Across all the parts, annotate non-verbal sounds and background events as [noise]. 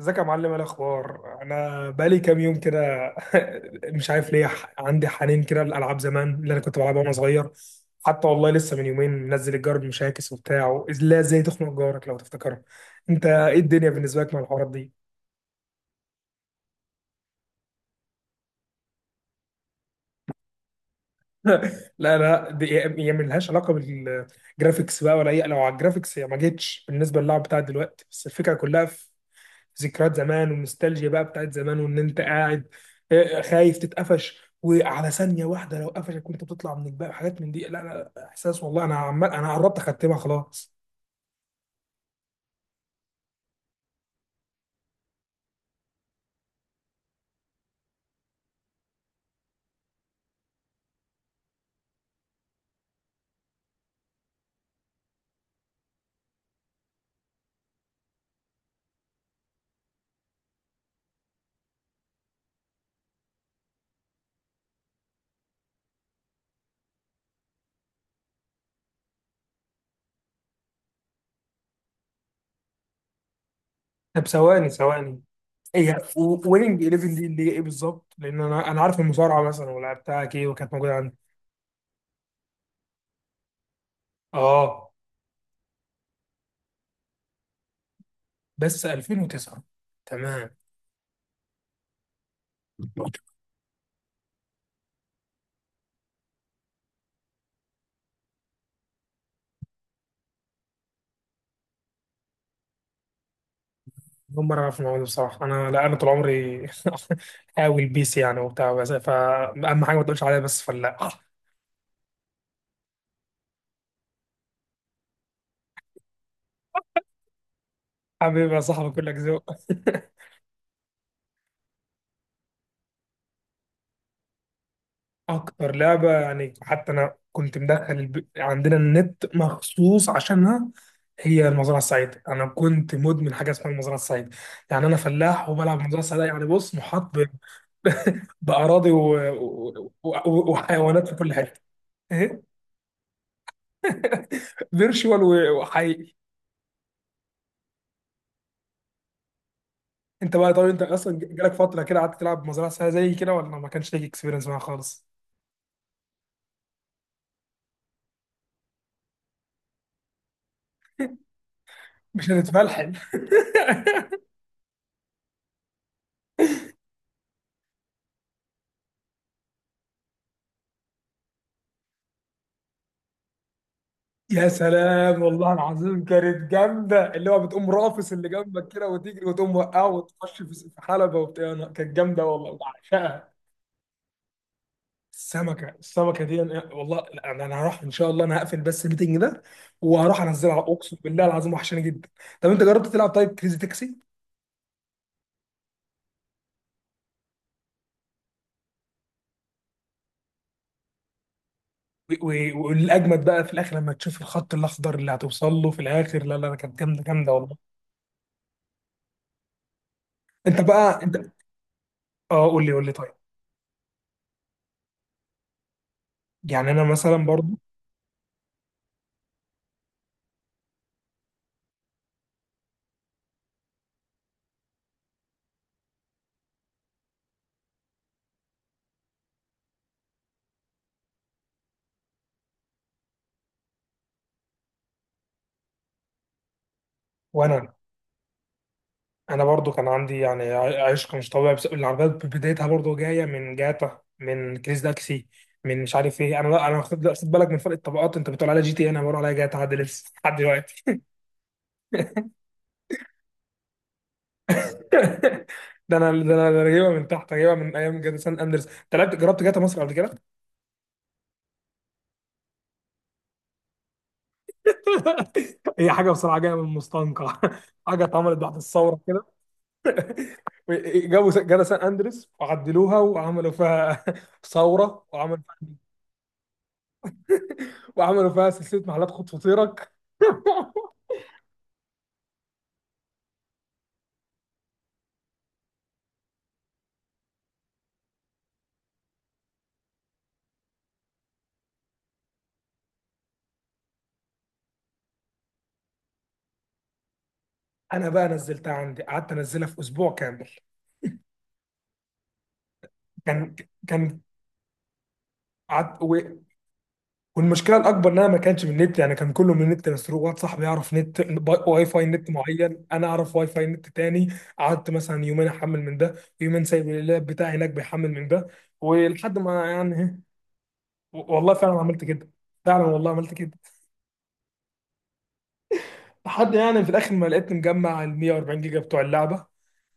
ازيك يا معلم، ايه الاخبار؟ انا بقالي كام يوم كده. [laughs] مش عارف ليه، عندي حنين كده للالعاب زمان اللي انا كنت بلعبها وانا صغير. حتى والله لسه من يومين منزل الجار بمشاكس وبتاع، لا ازاي تخنق جارك لو تفتكرها. انت ايه الدنيا بالنسبه لك مع الحوارات دي؟ [laughs] لا لا، دي هي ملهاش علاقه بالجرافيكس بقى ولا اي، لو على الجرافيكس هي ما جتش بالنسبه للعب بتاع دلوقتي، بس الفكره كلها ذكريات زمان والنوستالجيا بقى بتاعت زمان، وان انت قاعد آه، خايف تتقفش، وعلى ثانيه واحده لو قفشك وانت بتطلع من الجبال حاجات من دي. لا لا لا، احساس والله، انا عمال، انا قربت اختمها خلاص. طب ثواني ثواني، هي ويننج 11 دي اللي هي ايه بالظبط؟ لان انا عارف المصارعه مثلا ولعبتها كي وكانت موجوده عندي. اه، بس 2009، تمام. اول مره اعرف الموضوع ده بصراحه، انا، لا انا طول عمري [laughs] حاول بيس يعني وبتاع، بس فاهم حاجه ما تقولش عليها بس فلا. حبيبي يا صاحبي، كلك ذوق. [laughs] اكتر لعبه يعني، حتى انا كنت مدخل عندنا النت مخصوص عشانها، هي المزرعه السعيده. انا كنت مدمن حاجه اسمها المزرعه السعيده. يعني انا فلاح وبلعب المزرعه السعيده. يعني بص، محاط [laughs] باراضي و وحيوانات في كل حته. ايه فيرشوال و وحقيقي. انت بقى، طب انت اصلا جالك فتره كده قعدت تلعب مزرعه سعيده زي كده ولا ما كانش ليك اكسبيرينس معاها خالص؟ مش هتتفلحل. [laughs] يا سلام، والله العظيم كانت جامده. اللي هو بتقوم رافس اللي جنبك كده وتجري وتقوم وقعه وتخش في حلبه وبتاع. أنا كانت جامده والله، بعشقها. السمكه السمكه دي، والله لا انا، أنا هروح ان شاء الله، انا هقفل بس الميتنج ده وهروح انزلها، اقسم بالله العظيم وحشاني جدا. طب انت جربت تلعب طيب كريزي تاكسي؟ و- و- والاجمد بقى في الاخر لما تشوف الخط الاخضر اللي هتوصل له في الاخر، لا لا لا، كانت جامده جامده والله. انت بقى، انت. اه، قول لي قول لي طيب. يعني انا مثلا برضو، وانا برضو كان عندي يعني عشق مش طبيعي. بس العربيات بدايتها برضو جايه من جاتا، من كريس داكسي، من مش عارف ايه. انا، لا انا خد، لا، خد بالك من فرق الطبقات. انت بتقول عليها جي تي إيه، انا بقول عليها جاتا لحد لسه لحد دلوقتي. [laughs] ده انا، أنا جايبها من تحت، جايبها من ايام جاتا سان اندرس. انت لعبت جربت جاتا مصر قبل كده؟ [laughs] هي حاجه بصراحه جايه من المستنقع. [laughs] حاجه اتعملت بعد الثوره كده. [laughs] جابوا جاتا سان اندرس وعدلوها وعملوا فيها [laughs] ثوره، وعملوا فيها سلسله محلات خد فطيرك. [laughs] انا بقى نزلتها عندي، قعدت انزلها في اسبوع كامل. كان كان قعدت والمشكله الاكبر ان انا ما كانش من النت، يعني كان كله من النت مسروق. واحد صاحبي يعرف نت واي فاي نت معين، انا اعرف واي فاي نت تاني. قعدت مثلا يومين احمل من ده، يومين سايب اللاب بتاعي هناك بيحمل من ده، ولحد ما يعني إيه، والله فعلا عملت كده. فعلا والله عملت كده. لحد يعني في الاخر ما لقيت مجمع ال 140 جيجا بتوع اللعبه.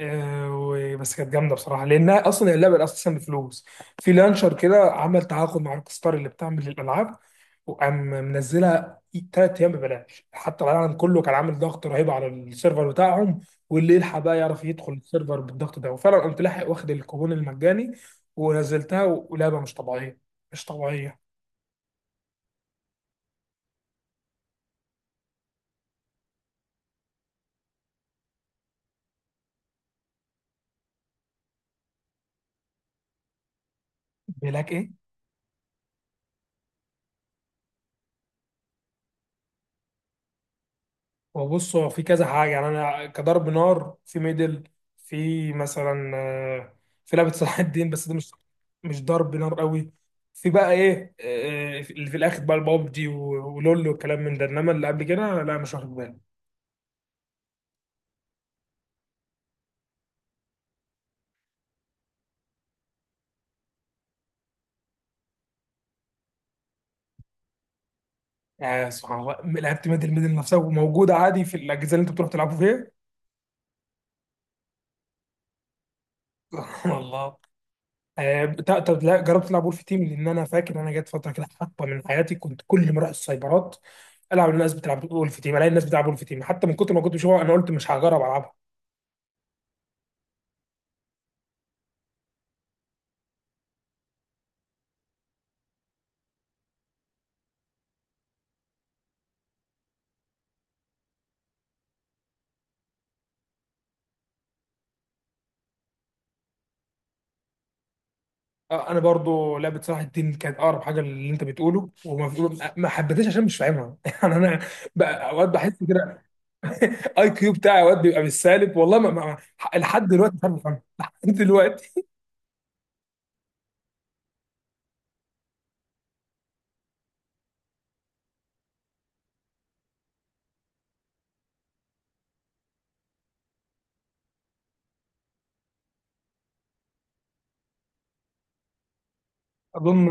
آه، بس كانت جامده بصراحه، لانها اصلا اللعبه اساسا بفلوس. في لانشر كده عمل تعاقد مع روك ستار اللي بتعمل الالعاب، وقام منزلها ثلاث ايام ببلاش، حتى العالم كله كان عامل ضغط رهيب على السيرفر بتاعهم، واللي يلحق بقى يعرف يدخل السيرفر بالضغط ده، وفعلا قمت لاحق واخد الكوبون المجاني ونزلتها. ولعبه مش طبيعيه، مش طبيعيه. بيقول لك ايه، هو بص، هو في كذا حاجة. يعني أنا كضرب نار في ميدل. في مثلا آه، في لعبة صلاح الدين، بس دي مش ضرب نار قوي. في بقى إيه آه، اللي في الآخر بقى البابجي ولول والكلام من ده، إنما اللي قبل كده لا مش واخد بالي. يعني سبحان الله، لعبت ميدل. ميدل نفسها وموجودة عادي في الأجهزة اللي أنت بتروح تلعبوا فيها. [laughs] سبحان الله. آه، طب لا جربت تلعب وولف تيم؟ لان انا فاكر انا جت فتره كده، حقبه من حياتي، كنت كل ما اروح السايبرات العب، الناس بتلعب وولف تيم، الاقي الناس بتلعب وولف تيم، حتى من كتر ما كنت بشوفها انا قلت مش هجرب العبها. آه، انا برضو لعبه صلاح الدين كانت اقرب حاجه للي انت بتقوله، ما حبيتهاش عشان مش فاهمها. [laughs] يعني انا اوقات بحس كده اي كيو بتاعي اوقات بيبقى بالسالب. والله لحد دلوقتي مش عارف افهمها. [laughs] لحد دلوقتي. اظن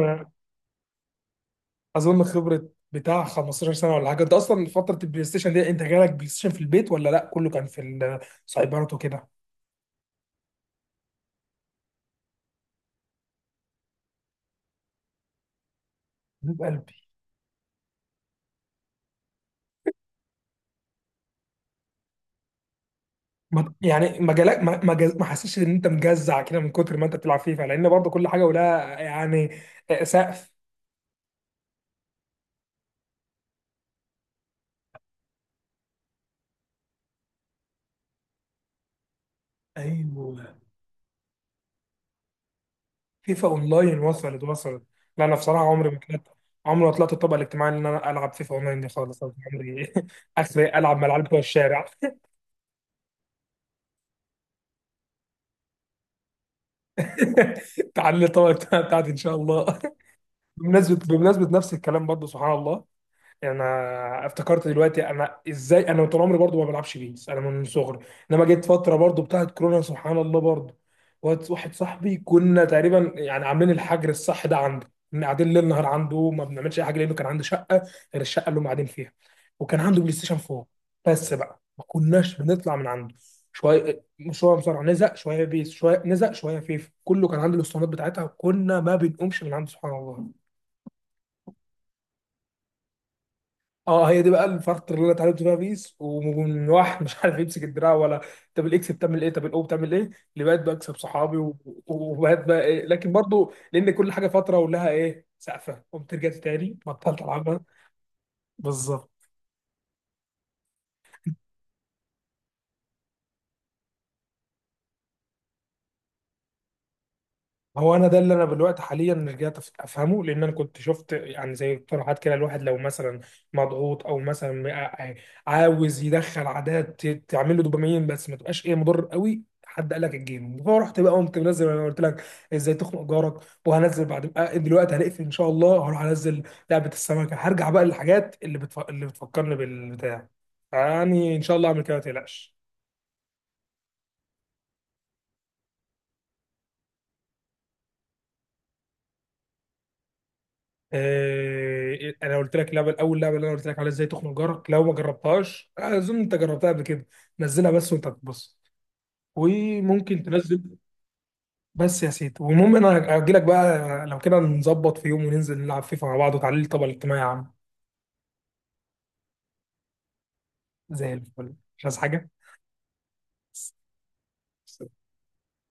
اظن خبره بتاع 15 سنه ولا حاجه. انت اصلا فتره البلاي ستيشن دي، انت جالك بلاي ستيشن في البيت ولا لا كله كان في السايبرات وكده؟ حبيب قلبي. ما- يعني ما جالك ما ما جز- ما حسيتش ان انت مجزع كده من كتر ما انت بتلعب فيفا؟ لان برضه كل حاجه ولها يعني آه، سقف. ايوه، فيفا اونلاين، وصلت وصلت. لا انا بصراحه عمري ما طلعت، عمري ما طلعت الطبقه الاجتماعي ان انا العب فيفا اونلاين دي خالص. أنا عمري [laughs] اخري العب مع العيال بتوع الشارع. [laughs] تعالى الطبقه بتاعتي ان شاء الله. بمناسبة نفس الكلام برضه سبحان الله. انا افتكرت دلوقتي، انا ازاي انا طول عمري برضه ما بلعبش بيس، انا من صغري. انما جيت فترة برضه بتاعت كورونا سبحان الله برضه، واحد صاحبي، كنا تقريبا يعني عاملين الحجر الصح ده عنده، كنا قاعدين ليل نهار عنده، ما بنعملش اي حاجه، لانه كان عنده شقه غير الشقه اللي هم قاعدين فيها، وكان عنده بلاي ستيشن 4. بس بقى ما كناش بنطلع من عنده. شويه شويه مصارعه، نزق شويه بيس، شويه نزق شويه فيفا. كله كان عنده الاسطوانات بتاعتها، وكنا ما بنقومش من عنده سبحان الله. اه، هي دي بقى الفتره اللي انا اتعلمت فيها بيس، ومن واحد [laughs] مش عارف يمسك الدراع ولا. طب الاكس بتعمل ايه، طب الاو بتعمل ايه، اللي بقيت بكسب صحابي وبقيت بقى إيه. لكن برضو لان كل حاجه فتره ولها ايه سقفه، قمت رجعت تاني بطلت العبها. بالظبط. هو انا ده اللي انا دلوقتي حاليا رجعت افهمه. لان انا كنت شفت يعني زي اقتراحات كده، الواحد لو مثلا مضغوط او مثلا عاوز يدخل عادات تعمل له دوبامين، بس ما تبقاش ايه مضر قوي. حد قال لك الجيم، فرحت بقى قمت منزل، انا قلت لك ازاي تخنق جارك. وهنزل بعد آه، دلوقتي هنقفل ان شاء الله، هروح انزل لعبه السمكه، هرجع بقى للحاجات اللي اللي بتفكرني بالبتاع. يعني ان شاء الله اعمل كده ما تقلقش. آه، انا قلت لك اللعبه الاول لعبه اللي انا قلت لك عليها ازاي تخنق جارك، لو ما جربتهاش آه، اظن انت جربتها قبل كده. نزلها بس وانت بتبص، وممكن تنزل. بس يا سيدي، والمهم انا هجي لك بقى لو كده، نظبط في يوم وننزل نلعب فيفا مع بعض وتعليل طبعا الاجتماعي يا عم. زي الفل، مش عايز حاجه.